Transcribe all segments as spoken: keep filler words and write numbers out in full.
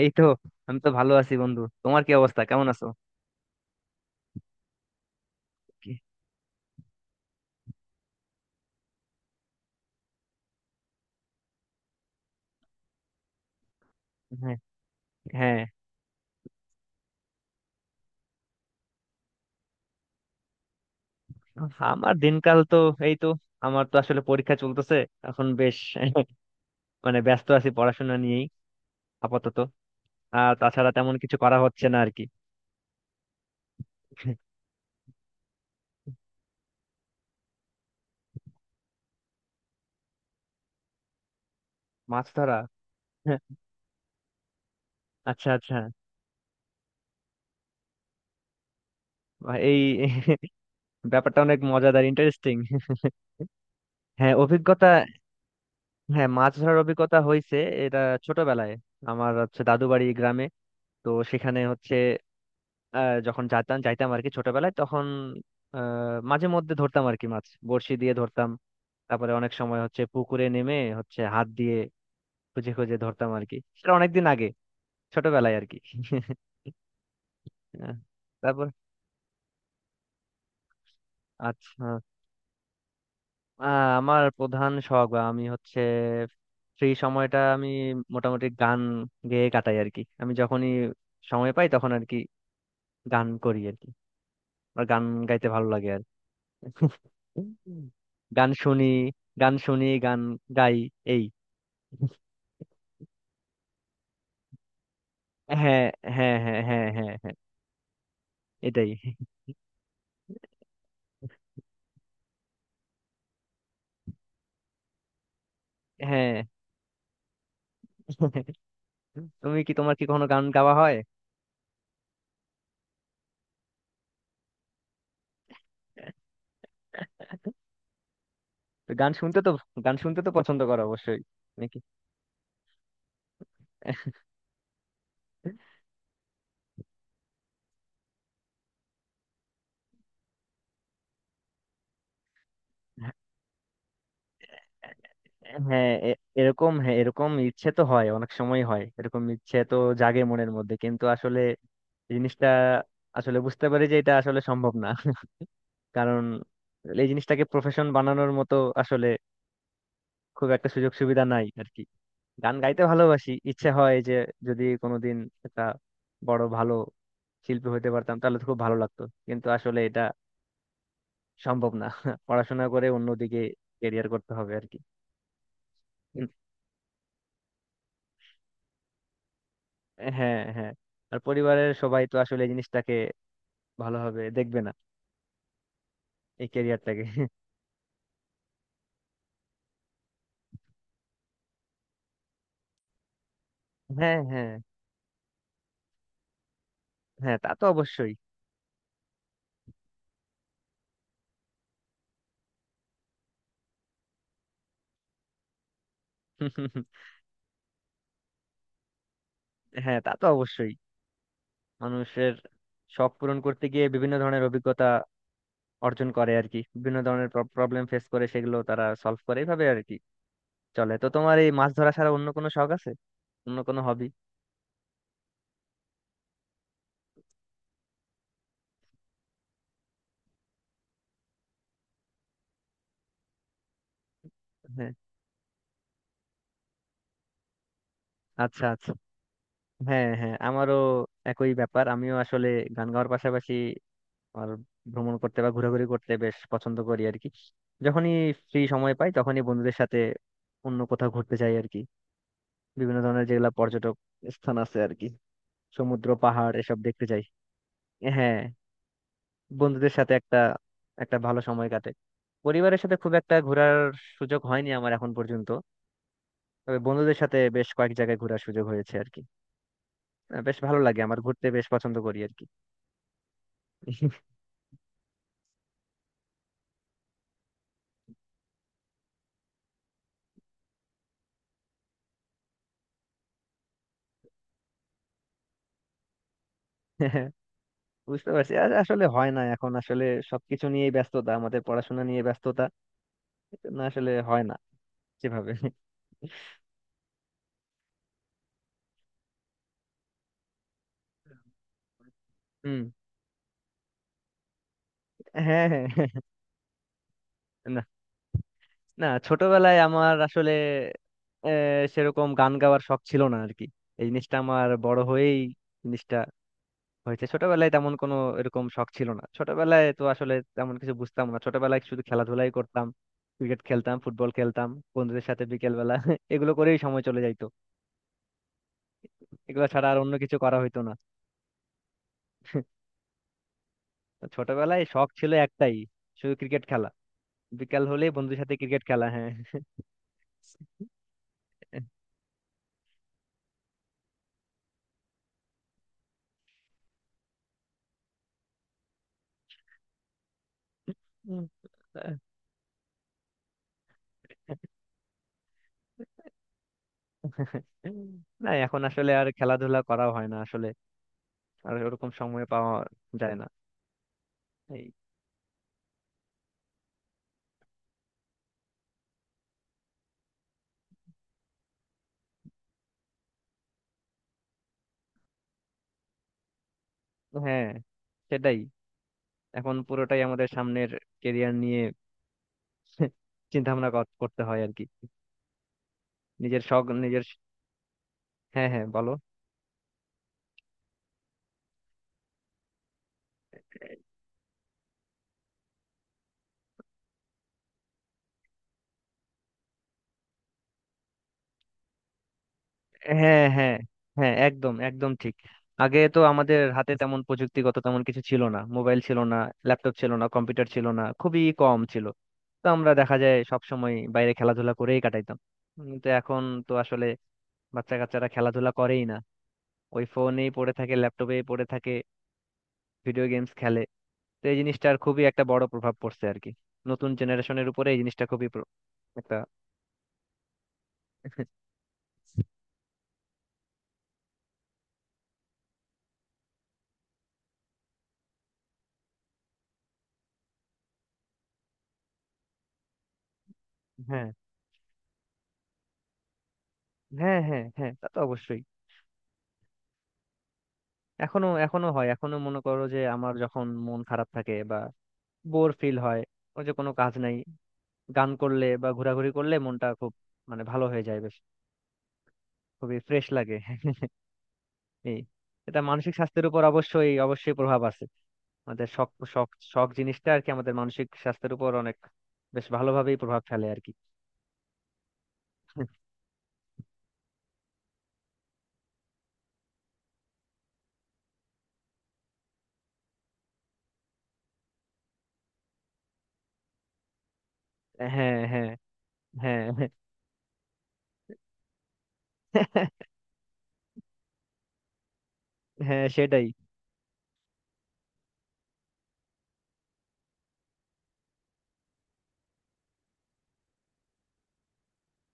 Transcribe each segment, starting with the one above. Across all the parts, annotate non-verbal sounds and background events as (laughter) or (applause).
এই তো আমি তো ভালো আছি বন্ধু, তোমার কি অবস্থা, কেমন আছো? কি- হ্যাঁ। হ্যাঁ, আমার দিনকাল তো এই তো, আমার তো আসলে পরীক্ষা চলতেছে এখন। বেশ (laughs) মানে ব্যস্ত আছি পড়াশোনা নিয়েই আপাতত। আর তাছাড়া তেমন কিছু করা হচ্ছে না আর কি। মাছ ধরা! (laughs) আচ্ছা আচ্ছা। বাহ, এই (laughs) ব্যাপারটা অনেক মজাদার, ইন্টারেস্টিং। হ্যাঁ, অভিজ্ঞতা। হ্যাঁ, মাছ ধরার অভিজ্ঞতা হয়েছে। এটা ছোটবেলায়। আমার হচ্ছে দাদু বাড়ি গ্রামে। তো সেখানে হচ্ছে আহ, যখন যেতাম যাইতাম আর কি ছোটবেলায়, তখন আহ, মাঝে মধ্যে ধরতাম আর কি, মাছ বড়শি দিয়ে ধরতাম। তারপরে অনেক সময় হচ্ছে পুকুরে নেমে হচ্ছে হাত দিয়ে খুঁজে খুঁজে ধরতাম আর কি। সেটা অনেকদিন আগে, ছোটবেলায় আর কি। আহ, (laughs) তারপর আচ্ছা। আহ, আমার প্রধান শখ বা আমি হচ্ছে ফ্রি সময়টা আমি মোটামুটি গান গেয়ে কাটাই আর কি। আমি যখনই সময় পাই তখন আর কি গান করি আর কি। আমার গান গাইতে ভালো লাগে আর কি। গান শুনি, গান শুনি, গান গাই এই। হ্যাঁ, হ্যাঁ, হ্যাঁ, হ্যাঁ, হ্যাঁ, হ্যাঁ। এটাই। হ্যাঁ, তুমি কি, তোমার কি কোনো গান গাওয়া হয়? তো গান শুনতে তো, গান শুনতে তো পছন্দ করো অবশ্যই? নাকি? হ্যাঁ, এ- এরকম, হ্যাঁ এরকম ইচ্ছে তো হয় অনেক সময়, হয় এরকম ইচ্ছে তো, জাগে মনের মধ্যে। কিন্তু আসলে জিনিসটা আসলে বুঝতে পারি যে এটা আসলে সম্ভব না। কারণ এই জিনিসটাকে প্রফেশন বানানোর মতো আসলে খুব একটা সুযোগ সুবিধা নাই আর কি। গান গাইতে ভালোবাসি, ইচ্ছে হয় যে যদি কোনোদিন একটা বড় ভালো শিল্পী হইতে পারতাম তাহলে তো খুব ভালো লাগতো। কিন্তু আসলে এটা সম্ভব না (laughs) পড়াশোনা করে অন্যদিকে ক্যারিয়ার করতে হবে আর কি। উম, হ্যাঁ হ্যাঁ। আর পরিবারের সবাই তো আসলে এই জিনিসটাকে ভালোভাবে দেখবে না, এই ক্যারিয়ারটাকে। (laughs) হ্যাঁ হ্যাঁ হ্যাঁ, তা তো অবশ্যই। (laughs) হ্যাঁ, তা তো অবশ্যই। মানুষের শখ পূরণ করতে গিয়ে বিভিন্ন ধরনের অভিজ্ঞতা অর্জন করে আর কি, বিভিন্ন ধরনের প্রবলেম ফেস করে, সেগুলো তারা সলভ করে, এইভাবে আর কি চলে। তো তোমার এই মাছ ধরা ছাড়া অন্য কোনো শখ আছে, অন্য কোনো হবি? হ্যাঁ, আচ্ছা আচ্ছা। হ্যাঁ হ্যাঁ, আমারও একই ব্যাপার। আমিও আসলে গান গাওয়ার পাশাপাশি আর ভ্রমণ করতে বা ঘোরাঘুরি করতে বেশ পছন্দ করি আর কি। যখনই ফ্রি সময় পাই তখনই বন্ধুদের সাথে অন্য কোথাও ঘুরতে যাই আর কি। বিভিন্ন ধরনের যেগুলা পর্যটক স্থান আছে আর কি, সমুদ্র পাহাড় এসব দেখতে যাই। হ্যাঁ, বন্ধুদের সাথে একটা, একটা ভালো সময় কাটে। পরিবারের সাথে খুব একটা ঘোরার সুযোগ হয়নি আমার এখন পর্যন্ত। তবে বন্ধুদের সাথে বেশ কয়েক জায়গায় ঘোরার সুযোগ হয়েছে আর কি। আহ, বেশ ভালো লাগে আমার, ঘুরতে বেশ পছন্দ করি আর কি। (laughs) বুঝতে পারছি। আর আসলে হয় না এখন আসলে, সবকিছু নিয়েই ব্যস্ততা, আমাদের পড়াশোনা নিয়ে ব্যস্ততা, না আসলে হয় না সেভাবে। হুম। হ্যাঁ হ্যাঁ হ্যাঁ। না, না ছোটবেলায় আমার আসলে আহ, সেরকম গান গাওয়ার শখ ছিল না আর কি। এই জিনিসটা আমার বড় হয়েই জিনিসটা হয়েছে। ছোটবেলায় তেমন কোনো এরকম শখ ছিল না। ছোটবেলায় তো আসলে তেমন কিছু বুঝতাম না। ছোটবেলায় শুধু খেলাধুলাই করতাম, ক্রিকেট খেলতাম, ফুটবল খেলতাম বন্ধুদের সাথে বিকেল বেলা। (laughs) এগুলো করেই সময় চলে যাইতো, এগুলো ছাড়া আর অন্য কিছু করা হইতো না। (laughs) তো ছোটবেলায় শখ ছিল একটাই, শুধু ক্রিকেট খেলা। বিকেল হলেই বন্ধুদের সাথে ক্রিকেট খেলা, হ্যাঁ। (laughs) হুম। না, এখন আসলে আর খেলাধুলা করা হয় না আসলে, আর ওরকম সময় পাওয়া যায় না এই। হ্যাঁ, সেটাই। এখন পুরোটাই আমাদের সামনের কেরিয়ার নিয়ে চিন্তা ভাবনা করতে হয় আর কি, নিজের শখ নিজের। হ্যাঁ হ্যাঁ, বলো। হ্যাঁ হ্যাঁ হ্যাঁ, একদম একদম ঠিক। আগে তো আমাদের হাতে তেমন প্রযুক্তিগত তেমন কিছু ছিল না, মোবাইল ছিল না, ল্যাপটপ ছিল না, কম্পিউটার ছিল না, খুবই কম ছিল। তো আমরা দেখা যায় সব সময় বাইরে খেলাধুলা করেই কাটাইতাম। কিন্তু এখন তো আসলে বাচ্চা কাচ্চারা খেলাধুলা করেই না, ওই ফোনেই পড়ে থাকে, ল্যাপটপেই পড়ে থাকে, ভিডিও গেমস খেলে। তো এই জিনিসটার খুবই একটা বড় প্রভাব পড়ছে আর কি নতুন জেনারেশনের উপরে। এই জিনিসটা খুবই প্র- একটা। (laughs) হ্যাঁ হ্যাঁ। হ্যাঁ হ্যাঁ, তা তো অবশ্যই। এখনো, এখনো হয়। এখনো মনে করো যে আমার যখন মন খারাপ থাকে বা বোর ফিল হয়, ওই যে কোনো কাজ নাই, গান করলে বা ঘোরাঘুরি করলে মনটা খুব মানে ভালো হয়ে যায় বেশ, খুবই ফ্রেশ লাগে। (laughs) এই এটা মানসিক স্বাস্থ্যের উপর অবশ্যই অবশ্যই প্রভাব আছে। আমাদের শখ, শখ শখ জিনিসটা আর কি আমাদের মানসিক স্বাস্থ্যের উপর অনেক বেশ ভালোভাবেই প্রভাব ফেলে আর কি। হ্যাঁ হ্যাঁ। হ্যাঁ (laughs) হ্যাঁ, সেটাই।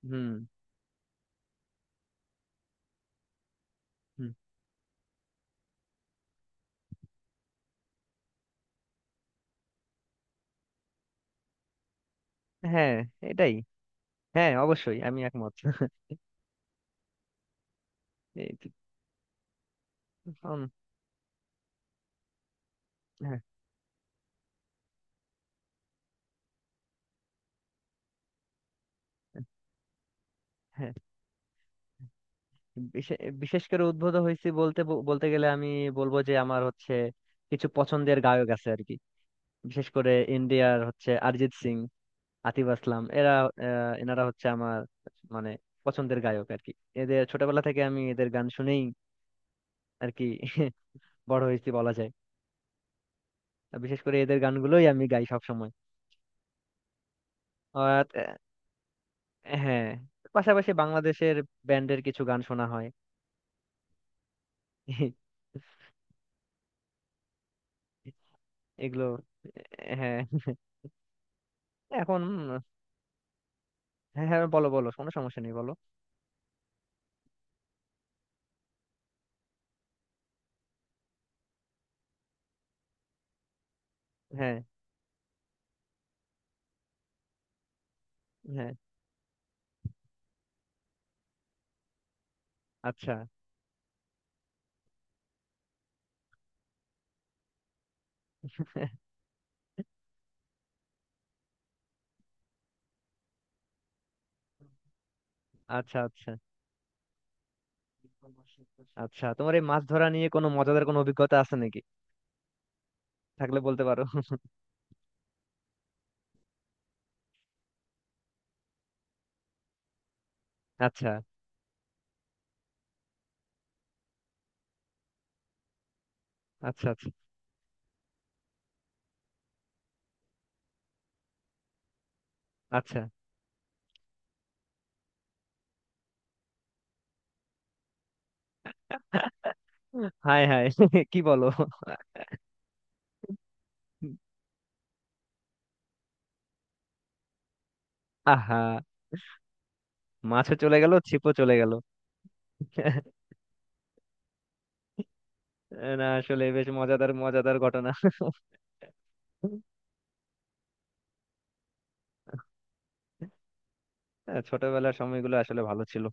হুম। হুম। হ্যাঁ, এটাই। হ্যাঁ অবশ্যই, আমি একমত। (laughs) উম, হ্যাঁ। হ্যাঁ, বিশে- বিশেষ করে উদ্ভূত হয়েছি বলতে ব- বলতে গেলে আমি বলবো যে আমার হচ্ছে কিছু পছন্দের গায়ক আছে আর কি। বিশেষ করে ইন্ডিয়ার হচ্ছে অরিজিৎ সিং, আতিফ আসলাম, এরা আহ, এনারা হচ্ছে আমার মানে পছন্দের গায়ক আর কি। এদের ছোটবেলা থেকে আমি এদের গান শুনেই আর কি (laughs) বড় হয়েছি বলা যায়। আর বিশেষ করে এদের গানগুলোই আমি গাই সব সময়। আর আহ, হ্যাঁ পাশাপাশি বাংলাদেশের ব্যান্ডের কিছু গান শোনা হয়। (laughs) এগুলো। হ্যাঁ, এখন। হ্যাঁ হ্যাঁ, বলো বলো, কোনো সমস্যা নেই, বলো। হ্যাঁ হ্যাঁ। আচ্ছা। (laughs) আচ্ছা আচ্ছা। আচ্ছা, তোমার এই মাছ ধরা নিয়ে কোনো মজাদার কোনো অভিজ্ঞতা আছে নাকি? থাকলে বলতে পারো। (laughs) আচ্ছা। আচ্ছা। আচ্ছা। আচ্ছা। (laughs) হাই হাই, কি বলো! আহা, মাছও চলে গেল, ছিপও চলে গেল। (laughs) না আসলে বেশ মজাদার, মজাদার ঘটনা। (laughs) ছোটবেলার সময়গুলো আসলে ভালো ছিল।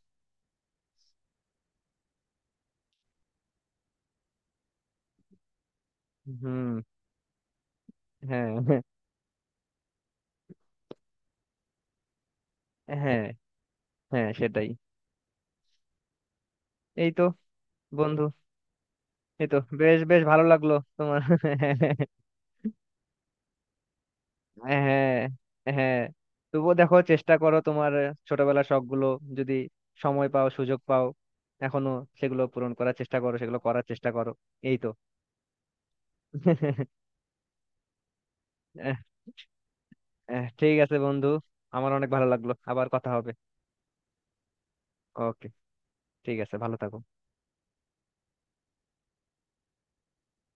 হুম। হ্যাঁ হ্যাঁ। হ্যাঁ। হ্যাঁ, সেটাই। এই তো বন্ধু, এই তো বেশ, বেশ ভালো লাগলো তোমার। হ্যাঁ হ্যাঁ। তবুও দেখো, চেষ্টা করো তোমার ছোটবেলার শখ গুলো যদি সময় পাও সুযোগ পাও এখনো সেগুলো পূরণ করার চেষ্টা করো, সেগুলো করার চেষ্টা করো। এই তো। আহ, আহ, ঠিক আছে বন্ধু, আমার অনেক ভালো লাগলো, আবার কথা হবে। ওকে, ঠিক আছে, ভালো থাকো।